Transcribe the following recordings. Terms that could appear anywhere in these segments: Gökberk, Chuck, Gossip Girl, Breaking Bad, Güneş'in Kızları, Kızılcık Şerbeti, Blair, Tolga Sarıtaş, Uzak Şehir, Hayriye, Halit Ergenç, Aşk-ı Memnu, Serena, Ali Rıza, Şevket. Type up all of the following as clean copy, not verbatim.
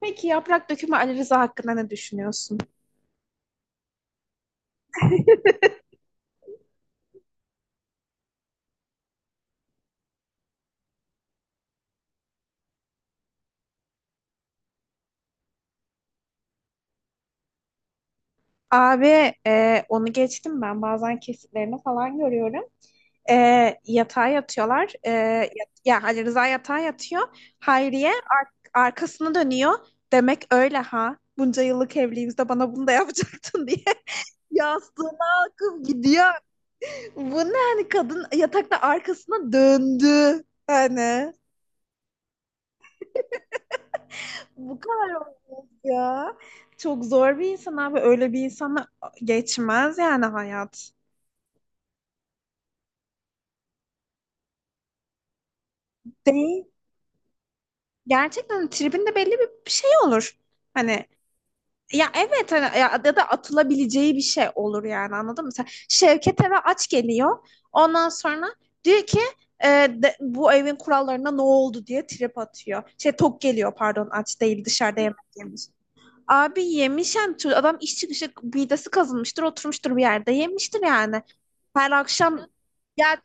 Peki yaprak dökümü Ali Rıza hakkında ne düşünüyorsun? Abi onu geçtim ben bazen kesitlerini falan görüyorum. E, Yatağa yatıyorlar. Ya Ali Rıza yatağa yatıyor. Hayriye arkasını dönüyor. Demek öyle ha. Bunca yıllık evliliğimizde bana bunu da yapacaktın diye. Yastığına akıp gidiyor. Bu ne, hani kadın yatakta arkasına döndü. Yani bu kadar olmaz ya. Çok zor bir insan abi. Öyle bir insanla geçmez yani hayat. Değil. Gerçekten tribinde belli bir şey olur. Hani ya, evet hani ya, ya da atılabileceği bir şey olur yani, anladın mı? Sen, Şevket eve aç geliyor. Ondan sonra diyor ki bu evin kurallarına ne oldu diye trip atıyor. Şey, tok geliyor, pardon, aç değil, dışarıda yemek yemiş. Abi yemiş yani adam iş çıkışı midesi kazınmıştır, oturmuştur bir yerde yemiştir yani. Her akşam ya.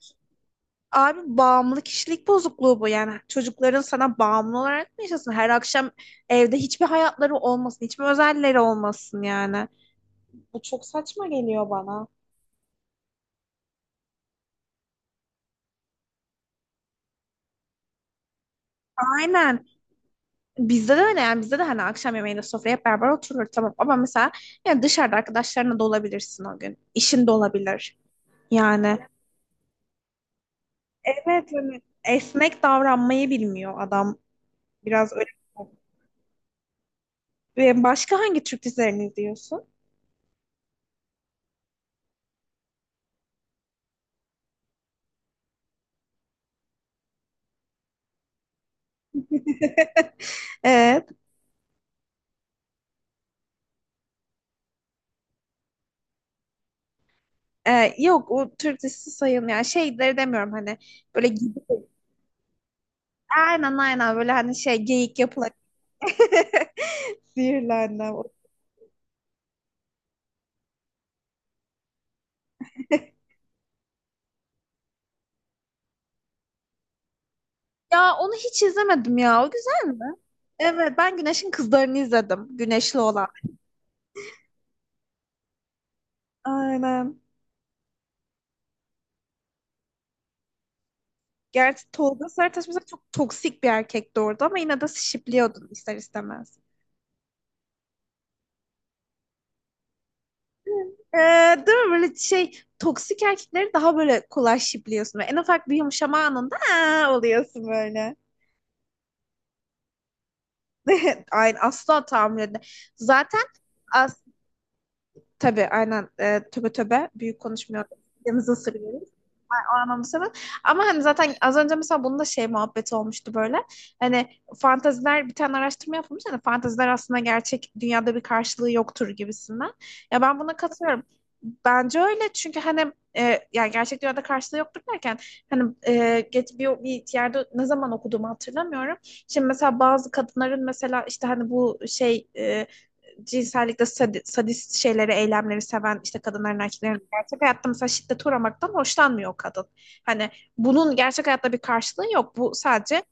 Abi, bağımlı kişilik bozukluğu bu yani. Çocukların sana bağımlı olarak mı yaşasın? Her akşam evde hiçbir hayatları olmasın, hiçbir özelleri olmasın yani. Bu çok saçma geliyor bana. Aynen. Bizde de öyle yani. Bizde de hani akşam yemeğinde sofraya hep beraber oturur, tamam, ama mesela yani dışarıda arkadaşlarına da olabilirsin o gün. İşin de olabilir. Yani evet, hani esnek davranmayı bilmiyor adam. Biraz öyle. Ve başka hangi Türk dizilerini izliyorsun? Evet. Yok, o Türk dizisi sayılmıyor. Yani şeyleri demiyorum, hani böyle gibi. Aynen, aynen, böyle hani şey geyik yapılacak. Sihirlendim. Ya onu hiç izlemedim ya. O güzel mi? Evet, ben Güneş'in Kızlarını izledim. Güneşli olan. Aynen. Gerçi Tolga Sarıtaş mesela çok toksik bir erkekti orada ama yine de şipliyordun ister istemez. Ee, Değil mi, böyle şey toksik erkekleri daha böyle kolay şipliyorsun. En ufak bir yumuşama anında "Aa!" oluyorsun böyle. Aynen, asla tahammül edemem. Zaten az tabii, aynen, töbe töbe, büyük konuşmuyorum. Yanınıza sırıyorum o anlamda. Ama hani zaten az önce mesela bunun da şey muhabbeti olmuştu böyle. Hani fanteziler, bir tane araştırma yapılmış. Hani fanteziler aslında gerçek dünyada bir karşılığı yoktur gibisinden. Ya ben buna katılıyorum. Bence öyle, çünkü hani yani gerçek dünyada karşılığı yoktur derken hani geç bir yerde ne zaman okuduğumu hatırlamıyorum. Şimdi mesela bazı kadınların, mesela işte hani bu şey cinsellikte sadist şeyleri, eylemleri seven işte kadınların, erkeklerin, gerçek hayatta mesela şiddete uğramaktan hoşlanmıyor o kadın. Hani bunun gerçek hayatta bir karşılığı yok. Bu sadece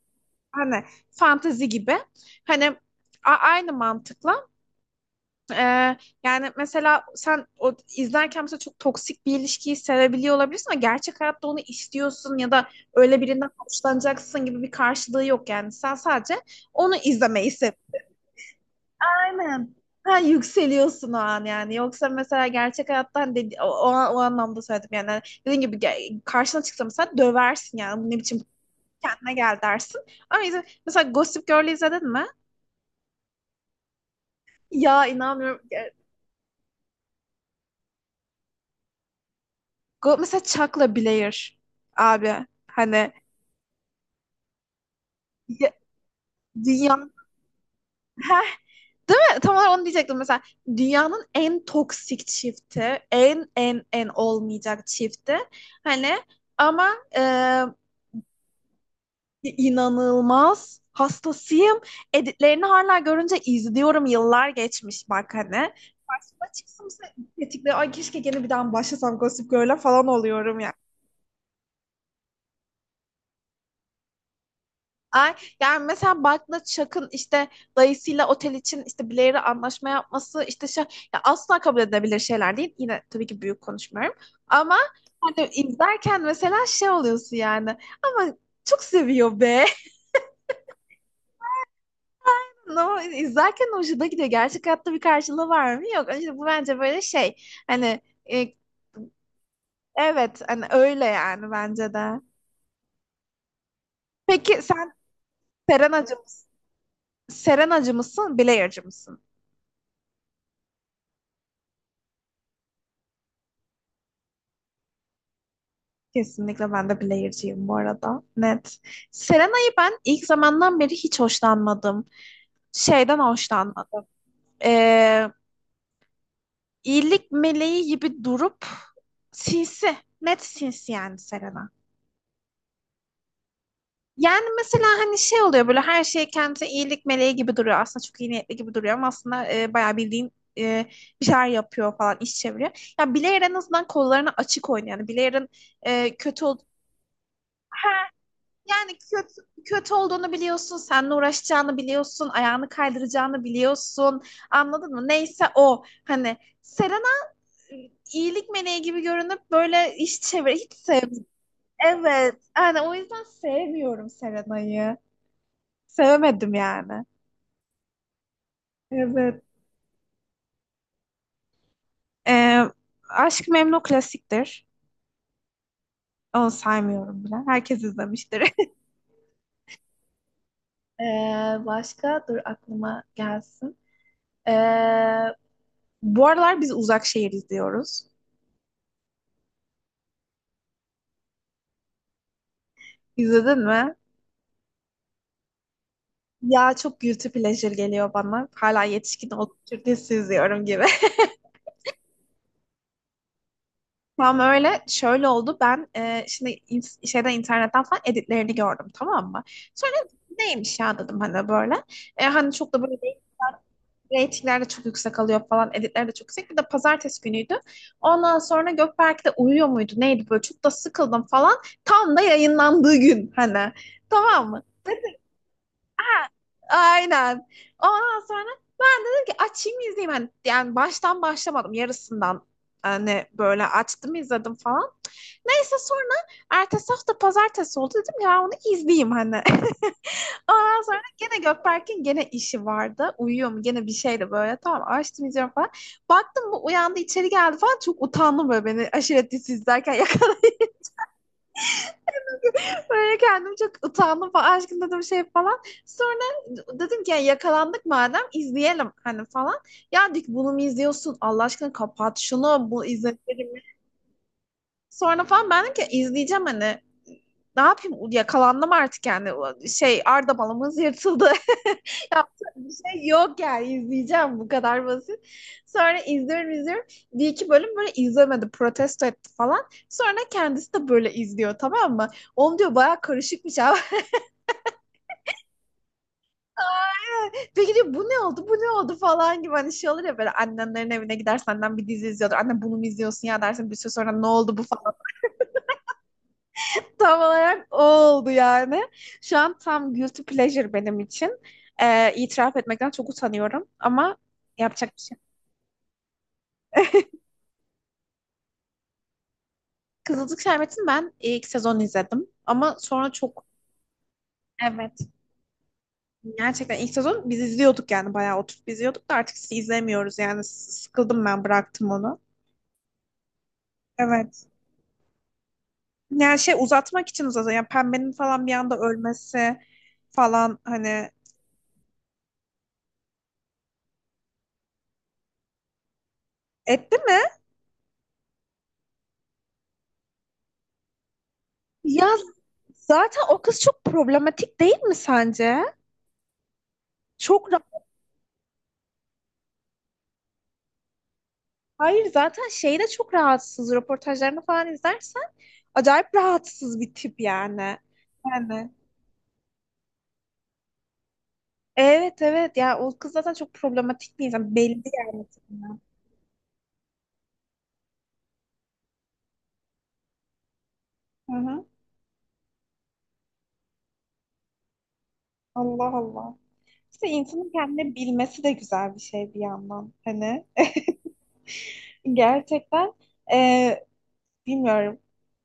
hani fantezi gibi. Hani aynı mantıkla e, yani mesela sen o izlerken mesela çok toksik bir ilişkiyi sevebiliyor olabilirsin ama gerçek hayatta onu istiyorsun ya da öyle birinden hoşlanacaksın gibi bir karşılığı yok yani. Sen sadece onu izlemeyi seviyorsun. Aynen. Ha, yükseliyorsun o an yani. Yoksa mesela gerçek hayattan dedi, o anlamda söyledim yani. Dediğim gibi karşına çıksa mesela döversin yani. Bu ne biçim, kendine gel dersin. Ama mesela Gossip Girl'ü izledin mi? Ya inanmıyorum. Ya, mesela Chuck'la Blair abi. Hani ya- dünyanın. Heh, değil mi? Tam olarak onu diyecektim mesela. Dünyanın en toksik çifti. En, en, en olmayacak çifti. Hani ama. İnanılmaz. Hastasıyım. Editlerini hala görünce izliyorum. Yıllar geçmiş bak hani. Karşıma çıksam, tetikle, ay keşke gene bir daha başlasam Gossip Girl'e falan oluyorum ya. Yani. Ay, yani mesela Buck'la Chuck'ın işte dayısıyla otel için işte Blair'e anlaşma yapması işte şey, ya asla kabul edilebilir şeyler değil. Yine tabii ki büyük konuşmuyorum. Ama hani izlerken mesela şey oluyorsun yani. Ama çok seviyor be. Ama izlerken hoşuna gidiyor. Gerçek hayatta bir karşılığı var mı? Yok. İşte bu bence böyle şey. Hani e, evet, hani öyle yani bence de. Peki sen Serenacı mısın? Bilayırcı mısın? Kesinlikle ben de Bilayırcıyım bu arada. Net. Serena'yı ben ilk zamandan beri hiç hoşlanmadım. Şeyden hoşlanmadım. Ee, iyilik meleği gibi durup sinsi. Net sinsi yani Serena. Yani mesela hani şey oluyor, böyle her şey kendisi iyilik meleği gibi duruyor. Aslında çok iyi niyetli gibi duruyor ama aslında bayağı bildiğin e, bir şeyler yapıyor falan, iş çeviriyor. Ya Blair en azından kollarını açık oynuyor. Yani Blair'ın kötü ol, yani kötü olduğunu biliyorsun, seninle uğraşacağını biliyorsun, ayağını kaydıracağını biliyorsun. Anladın mı? Neyse o, hani Serena iyilik meleği gibi görünüp böyle iş çevir, hiç sevmiyorum. Evet. Yani o yüzden sevmiyorum Serena'yı. Sevemedim yani. Evet. Ee, Aşk-ı Memnu klasiktir. Onu saymıyorum bile. Herkes izlemiştir. Ee, Başka, dur aklıma gelsin. Ee, Bu aralar biz Uzak Şehir izliyoruz. İzledin mi? Ya çok guilty pleasure geliyor bana. Hala yetişkin olup Türkçesi izliyorum gibi. Tam öyle, şöyle oldu. Ben şimdi şeyden internetten falan editlerini gördüm, tamam mı? Sonra neymiş ya dedim hani böyle. Hani çok da böyle. Reytingler de çok yüksek alıyor falan. Editler de çok yüksek. Bir de pazartesi günüydü. Ondan sonra Gökberk de uyuyor muydu? Neydi böyle? Çok da sıkıldım falan. Tam da yayınlandığı gün hani. Tamam mı? Aynen. Ondan sonra dedim ki açayım izleyeyim. Hani, yani baştan başlamadım. Yarısından hani böyle açtım, izledim falan. Neyse sonra ertesi hafta pazartesi oldu. Dedim ya onu izleyeyim hani. Ondan sonra gene Gökberk'in gene işi vardı. Uyuyor mu gene bir şeyle, böyle tamam, açtım falan. Baktım, bu uyandı, içeri geldi falan, çok utandım böyle beni aşiret dizisi izlerken. Böyle kendim çok utandım falan, aşkım dedim, şey falan. Sonra dedim ki "Ya, yakalandık madem izleyelim hani falan. Ya dik bunu mu izliyorsun Allah aşkına, kapat şunu, bu izlenir mi?" Sonra falan ben dedim ki izleyeceğim hani. Ne yapayım, yakalandım artık yani şey, Arda balımız yırtıldı. Yapacak bir şey yok yani, izleyeceğim, bu kadar basit. Sonra izliyorum, izliyorum. Bir iki bölüm böyle izlemedi, protesto etti falan. Sonra kendisi de böyle izliyor, tamam mı? Oğlum diyor, baya karışıkmış abi. Peki diyor, bu ne oldu, bu ne oldu falan, gibi hani şey olur ya, böyle annenlerin evine gider, senden bir dizi izliyordur. Anne bunu mu izliyorsun ya dersin bir süre sonra, ne oldu bu falan. Tam olarak o oldu yani. Şu an tam guilty pleasure benim için. İtiraf etmekten çok utanıyorum ama yapacak bir şey. Kızılcık Şerbeti'ni ben ilk sezon izledim. Ama sonra çok. Evet. Gerçekten ilk sezon biz izliyorduk, yani bayağı oturup izliyorduk da artık sizi izlemiyoruz yani. Sıkıldım, ben bıraktım onu. Evet. Yani şey, uzatmak için uzatıyor. Yani pembenin falan bir anda ölmesi falan hani, etti mi? Ya, zaten o kız çok problematik değil mi sence? Çok ra- Hayır, zaten şeyde çok rahatsız. Röportajlarını falan izlersen acayip rahatsız bir tip yani. Yani evet, evet, ya o kız zaten çok problematik bir insan, belli yani tipinden. Hı hı. Allah Allah. İşte insanın kendini bilmesi de güzel bir şey bir yandan hani. Gerçekten e, bilmiyorum.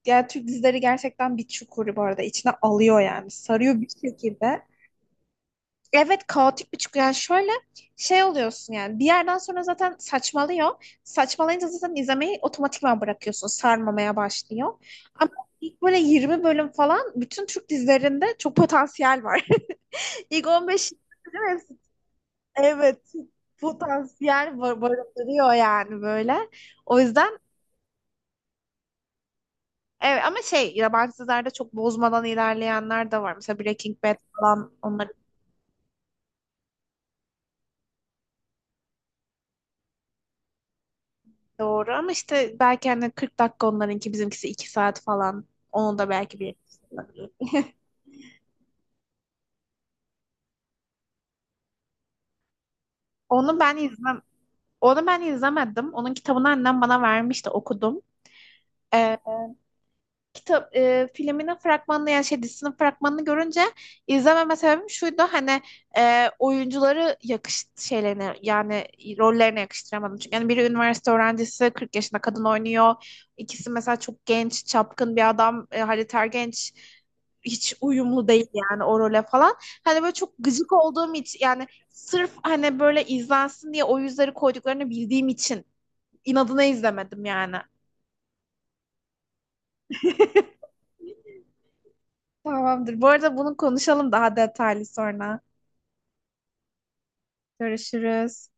Ya Türk dizileri gerçekten bir çukuru bu arada içine alıyor yani, sarıyor bir şekilde. Evet, kaotik bir çıkı yani, şöyle şey oluyorsun yani, bir yerden sonra zaten saçmalıyor. Saçmalayınca zaten izlemeyi otomatikman bırakıyorsun, sarmamaya başlıyor. Ama ilk böyle 20 bölüm falan bütün Türk dizilerinde çok potansiyel var. İlk 15 bölüm evet, potansiyel barındırıyor yani böyle. O yüzden evet, ama şey, yabancı dizilerde çok bozmadan ilerleyenler de var. Mesela Breaking Bad falan, onlar. Doğru, ama işte belki hani 40 dakika onlarınki, bizimkisi 2 saat falan. Onu da belki bir. Onu ben izlem Onu ben izlemedim. Onun kitabını annem bana vermişti, okudum. Ee, Kitap, filminin fragmanını yani şey dizisinin fragmanını görünce izlememe sebebim şuydu hani oyuncuları yakış şeylerine yani rollerine yakıştıramadım. Çünkü yani biri üniversite öğrencisi, 40 yaşında kadın oynuyor. İkisi mesela çok genç, çapkın bir adam, Halit Ergenç hiç uyumlu değil yani o role falan. Hani böyle çok gıcık olduğum için yani, sırf hani böyle izlensin diye o yüzleri koyduklarını bildiğim için inadına izlemedim yani. Tamamdır. Bu arada bunu konuşalım daha detaylı sonra. Görüşürüz.